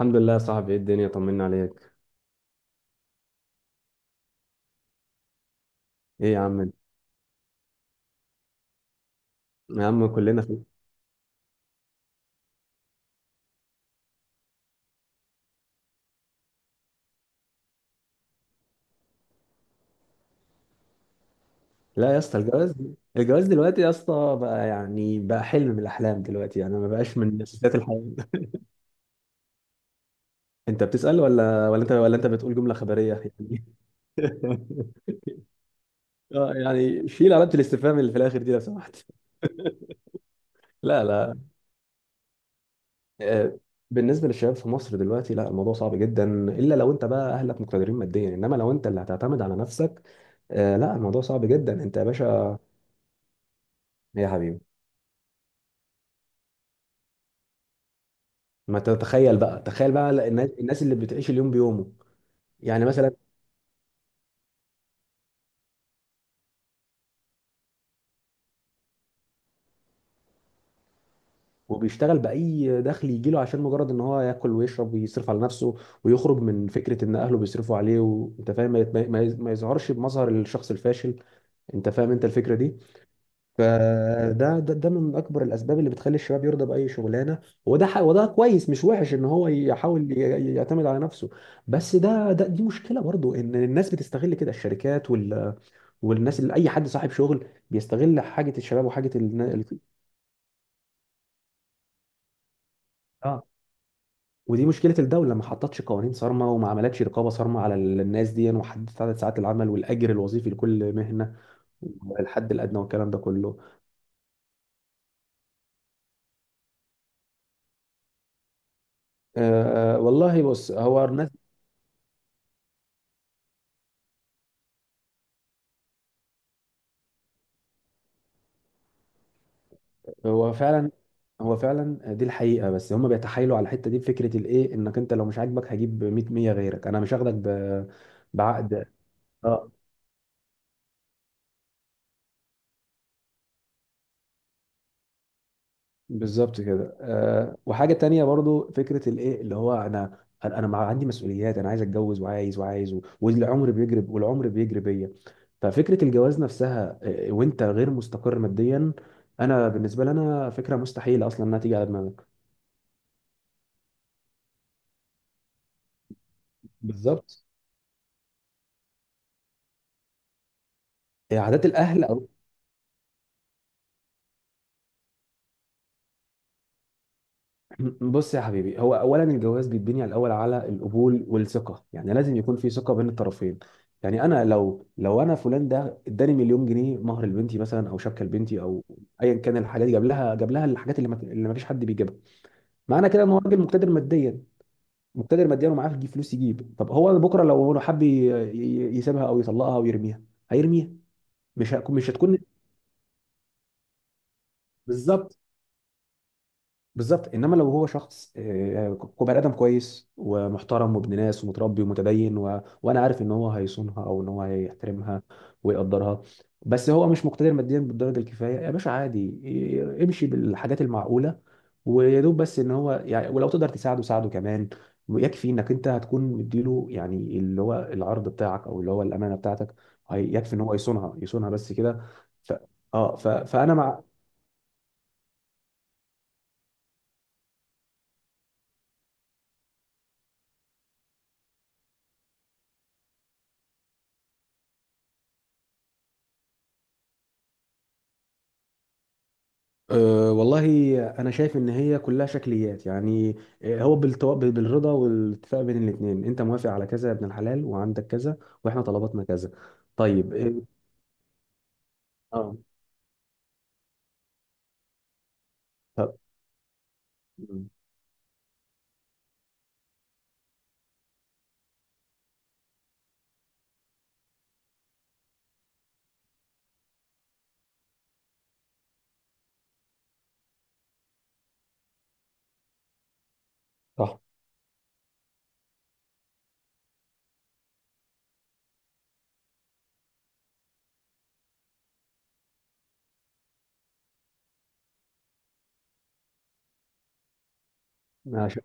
الحمد لله يا صاحبي، ايه الدنيا؟ طمنا عليك. ايه يا عم؟ يا عم كلنا في. لا يا اسطى، الجواز، الجواز دلوقتي يا اسطى بقى يعني بقى حلم من الاحلام دلوقتي، يعني ما بقاش من اساسيات الحياه. انت بتسأل ولا انت بتقول جمله خبريه يعني؟ اه يعني شيل علامه الاستفهام اللي في الاخر دي لو سمحت. لا. آه، بالنسبه للشباب في مصر دلوقتي، لا الموضوع صعب جدا، الا لو انت بقى اهلك مقتدرين ماديا، انما لو انت اللي هتعتمد على نفسك، آه، لا الموضوع صعب جدا انت يا باشا. يا حبيبي، ما انت تتخيل بقى، تخيل بقى الناس، اللي بتعيش اليوم بيومه. يعني مثلا، وبيشتغل بأي دخل يجيله عشان مجرد ان هو ياكل ويشرب ويصرف على نفسه، ويخرج من فكرة ان اهله بيصرفوا عليه، وانت فاهم، ما يظهرش بمظهر الشخص الفاشل. انت فاهم انت الفكرة دي؟ فده ده ده من اكبر الاسباب اللي بتخلي الشباب يرضى بأي شغلانه. وده كويس مش وحش ان هو يحاول يعتمد على نفسه. بس ده دي مشكلة برضو، ان الناس بتستغل كده، الشركات وال... والناس اللي اي حد صاحب شغل بيستغل حاجه الشباب وحاجه اه. ودي مشكله، الدوله ما حطتش قوانين صارمه، وما عملتش رقابه صارمه على الناس دي، وحددت عدد ساعات العمل والاجر الوظيفي لكل مهنه، والحد الادنى والكلام ده كله. آه، والله بص هو الناس. هو فعلا، هو فعلا دي الحقيقه، بس هم بيتحايلوا على الحته دي بفكره الايه، انك انت لو مش عاجبك هجيب 100 غيرك، انا مش هاخدك ب... بعقد. اه بالظبط كده. وحاجه تانية برضو فكره الايه اللي هو، انا مع عندي مسؤوليات، انا عايز اتجوز وعايز، والعمر بيجري، والعمر بيجري بيا. ففكره الجواز نفسها، آه، وانت غير مستقر ماديا، انا بالنسبه لي انا فكره مستحيله اصلا انها تيجي على دماغك. بالظبط. آه، عادات الاهل. بص يا حبيبي، هو اولا الجواز بيتبني على الاول على القبول والثقه، يعني لازم يكون في ثقه بين الطرفين. يعني انا لو انا فلان ده اداني مليون جنيه مهر لبنتي مثلا، او شبكه لبنتي، او ايا كان الحاجات، جاب لها الحاجات اللي ما، اللي ما فيش حد بيجيبها، معنى كده ان هو راجل مقتدر ماديا. مقتدر ماديا ومعاه يجيب فلوس يجيب. طب هو بكره لو هو حب يسيبها او يطلقها او يرميها، هيرميها. مش هكون مش هتكون. بالظبط. بالظبط، انما لو هو شخص، آه، بني ادم كويس ومحترم وابن ناس ومتربي ومتدين و... وانا عارف ان هو هيصونها، او ان هو هيحترمها ويقدرها، بس هو مش مقتدر ماديا بالدرجه الكفايه، يا باشا عادي امشي بالحاجات المعقوله. ويا دوب بس ان هو يعني، ولو تقدر تساعده ساعده كمان، ويكفي انك انت هتكون مديله، يعني اللي هو العرض بتاعك، او اللي هو الامانه بتاعتك، هي- يكفي ان هو يصونها، يصونها بس كده. ف... اه ف... فانا مع. والله، أنا شايف إن هي كلها شكليات يعني. آه، هو بالرضا والاتفاق بين الاتنين، أنت موافق على كذا يا ابن الحلال، وعندك كذا، وإحنا طلباتنا كذا. طيب أه. آه، طب. مم، صح. عشان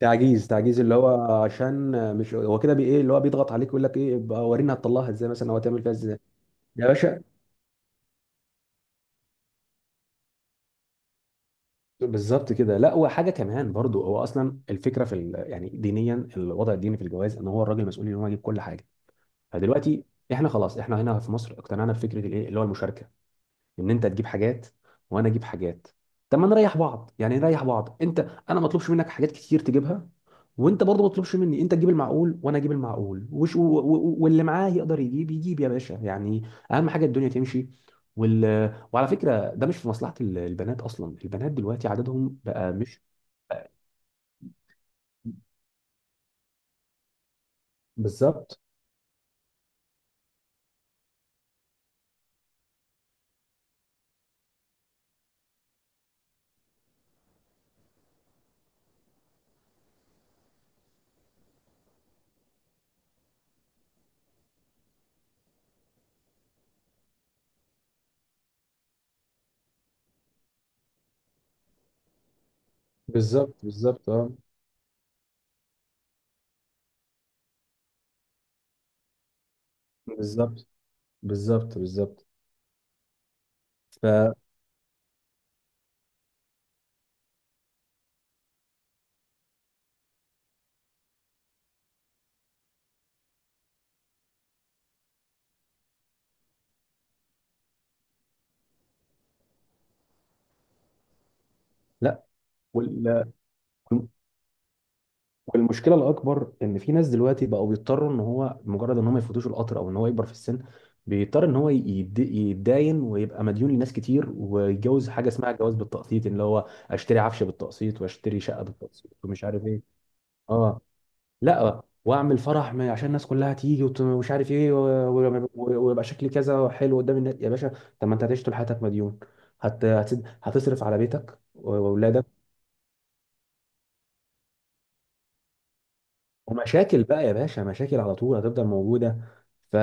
تعجيز، تعجيز اللي هو، عشان، آه، مش هو كده بي إيه اللي هو بيضغط عليك، يقول لك إيه بقى ورينا هتطلعها إزاي مثلا، أو هتعمل فيها إزاي؟ يا باشا. بالظبط كده. لا وحاجة كمان برضو، هو أصلا الفكرة في ال... يعني دينيا، الوضع الديني في الجواز، إن هو الراجل مسؤول إن هو يجيب كل حاجة. فدلوقتي احنا هنا في مصر اقتنعنا بفكره الايه اللي هو المشاركه، ان انت تجيب حاجات، وانا اجيب حاجات. طب ما نريح بعض، يعني نريح بعض انت، انا ما اطلبش منك حاجات كتير تجيبها، وانت برضه ما تطلبش مني، انت تجيب المعقول وانا اجيب المعقول، واللي معاه يقدر يجيب، يجيب يا باشا يعني. اهم حاجه الدنيا تمشي. وال... وعلى فكره ده مش في مصلحه البنات اصلا، البنات دلوقتي عددهم بقى مش... بالظبط بالظبط. اه بالظبط بالظبط. ف... لا. وال- والمشكله الاكبر ان في ناس دلوقتي بقوا بيضطروا، ان هو مجرد ان هم يفوتوش القطر، او ان هو يكبر في السن، بيضطر ان هو يتداين ويبقى مديون لناس كتير، ويتجوز حاجه اسمها جواز بالتقسيط، اللي هو اشتري عفش بالتقسيط، واشتري شقه بالتقسيط، ومش عارف ايه. اه. لا واعمل فرح عشان الناس كلها تيجي ومش عارف ايه ويبقى شكلي كذا حلو قدام الناس يا باشا. طب ما انت هتعيش طول حياتك مديون. هتصرف على بيتك واولادك. ومشاكل بقى يا باشا، مشاكل على طول هتفضل موجودة. ف...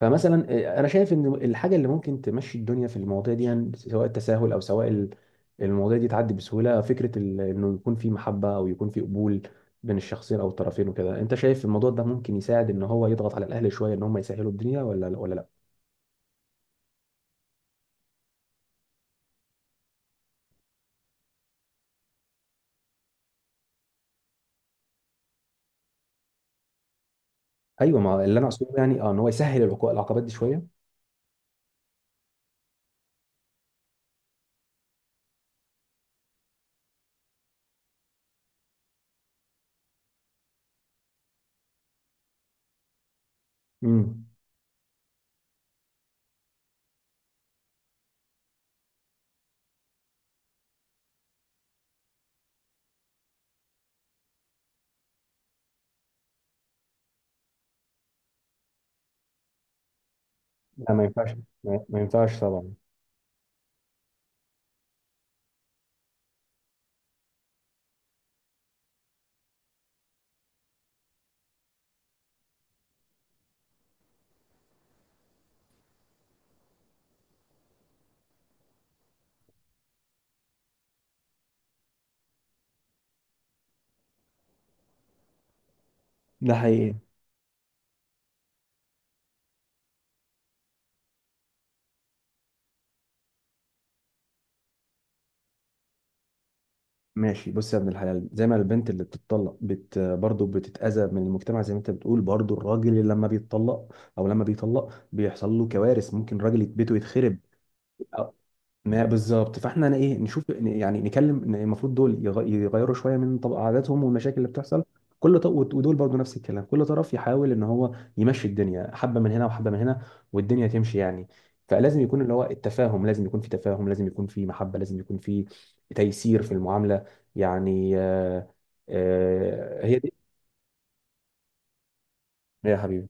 فمثلا، آه، انا شايف ان الحاجة اللي ممكن تمشي الدنيا في المواضيع دي، يعني سواء التساهل، او سواء المواضيع دي تعدي بسهولة، فكرة ال... انه يكون في محبة، او يكون في قبول بين الشخصين او الطرفين وكده. انت شايف الموضوع ده ممكن يساعد ان هو يضغط على الاهل شوية ان هم يسهلوا الدنيا، ولا لا؟ ايوه، ما اللي انا اقصده يعني اه، ان هو يسهل العقبات دي شوية. امم. لا ما ينفعش، ما ما ينفعش طبعا. ده حقيقي. ماشي بص يا ابن الحلال، زي ما البنت اللي بتطلق بت برضه بتتأذى من المجتمع، زي ما انت بتقول، برضه الراجل اللي لما بيتطلق او لما بيطلق بيحصل له كوارث، ممكن راجل بيته يتخرب. ما بالظبط، فاحنا انا ايه نشوف يعني نكلم إن المفروض دول يغيروا شويه من طب عاداتهم، والمشاكل اللي بتحصل كل طرف، ودول برضو نفس الكلام، كل طرف يحاول ان هو يمشي الدنيا، حبه من هنا وحبه من هنا، والدنيا تمشي يعني. فلازم يكون اللي هو التفاهم، لازم يكون في تفاهم، لازم يكون في محبه، لازم يكون في تيسير في المعامله. يعني آه، آه، هي دي. يا حبيبي.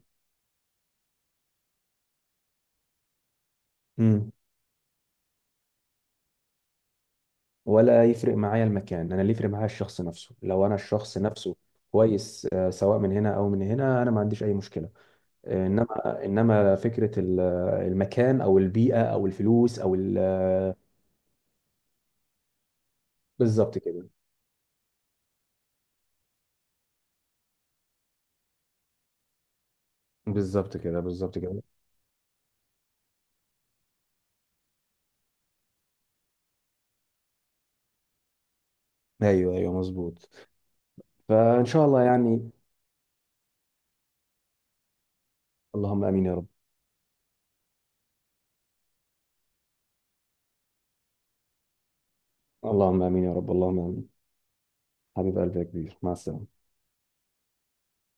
ولا يفرق معايا المكان، انا اللي يفرق معايا الشخص نفسه، لو انا الشخص نفسه كويس آه، سواء من هنا او من هنا، انا ما عنديش اي مشكله. آه، انما فكره آه، المكان او البيئه او الفلوس او آه،. بالظبط كده بالظبط كده. بالظبط كده. ايوه ايوه مظبوط. فان شاء الله يعني. اللهم امين يا رب، اللهم امين يا رب، اللهم امين. حبيب قلبي يا كبير، مع السلامه.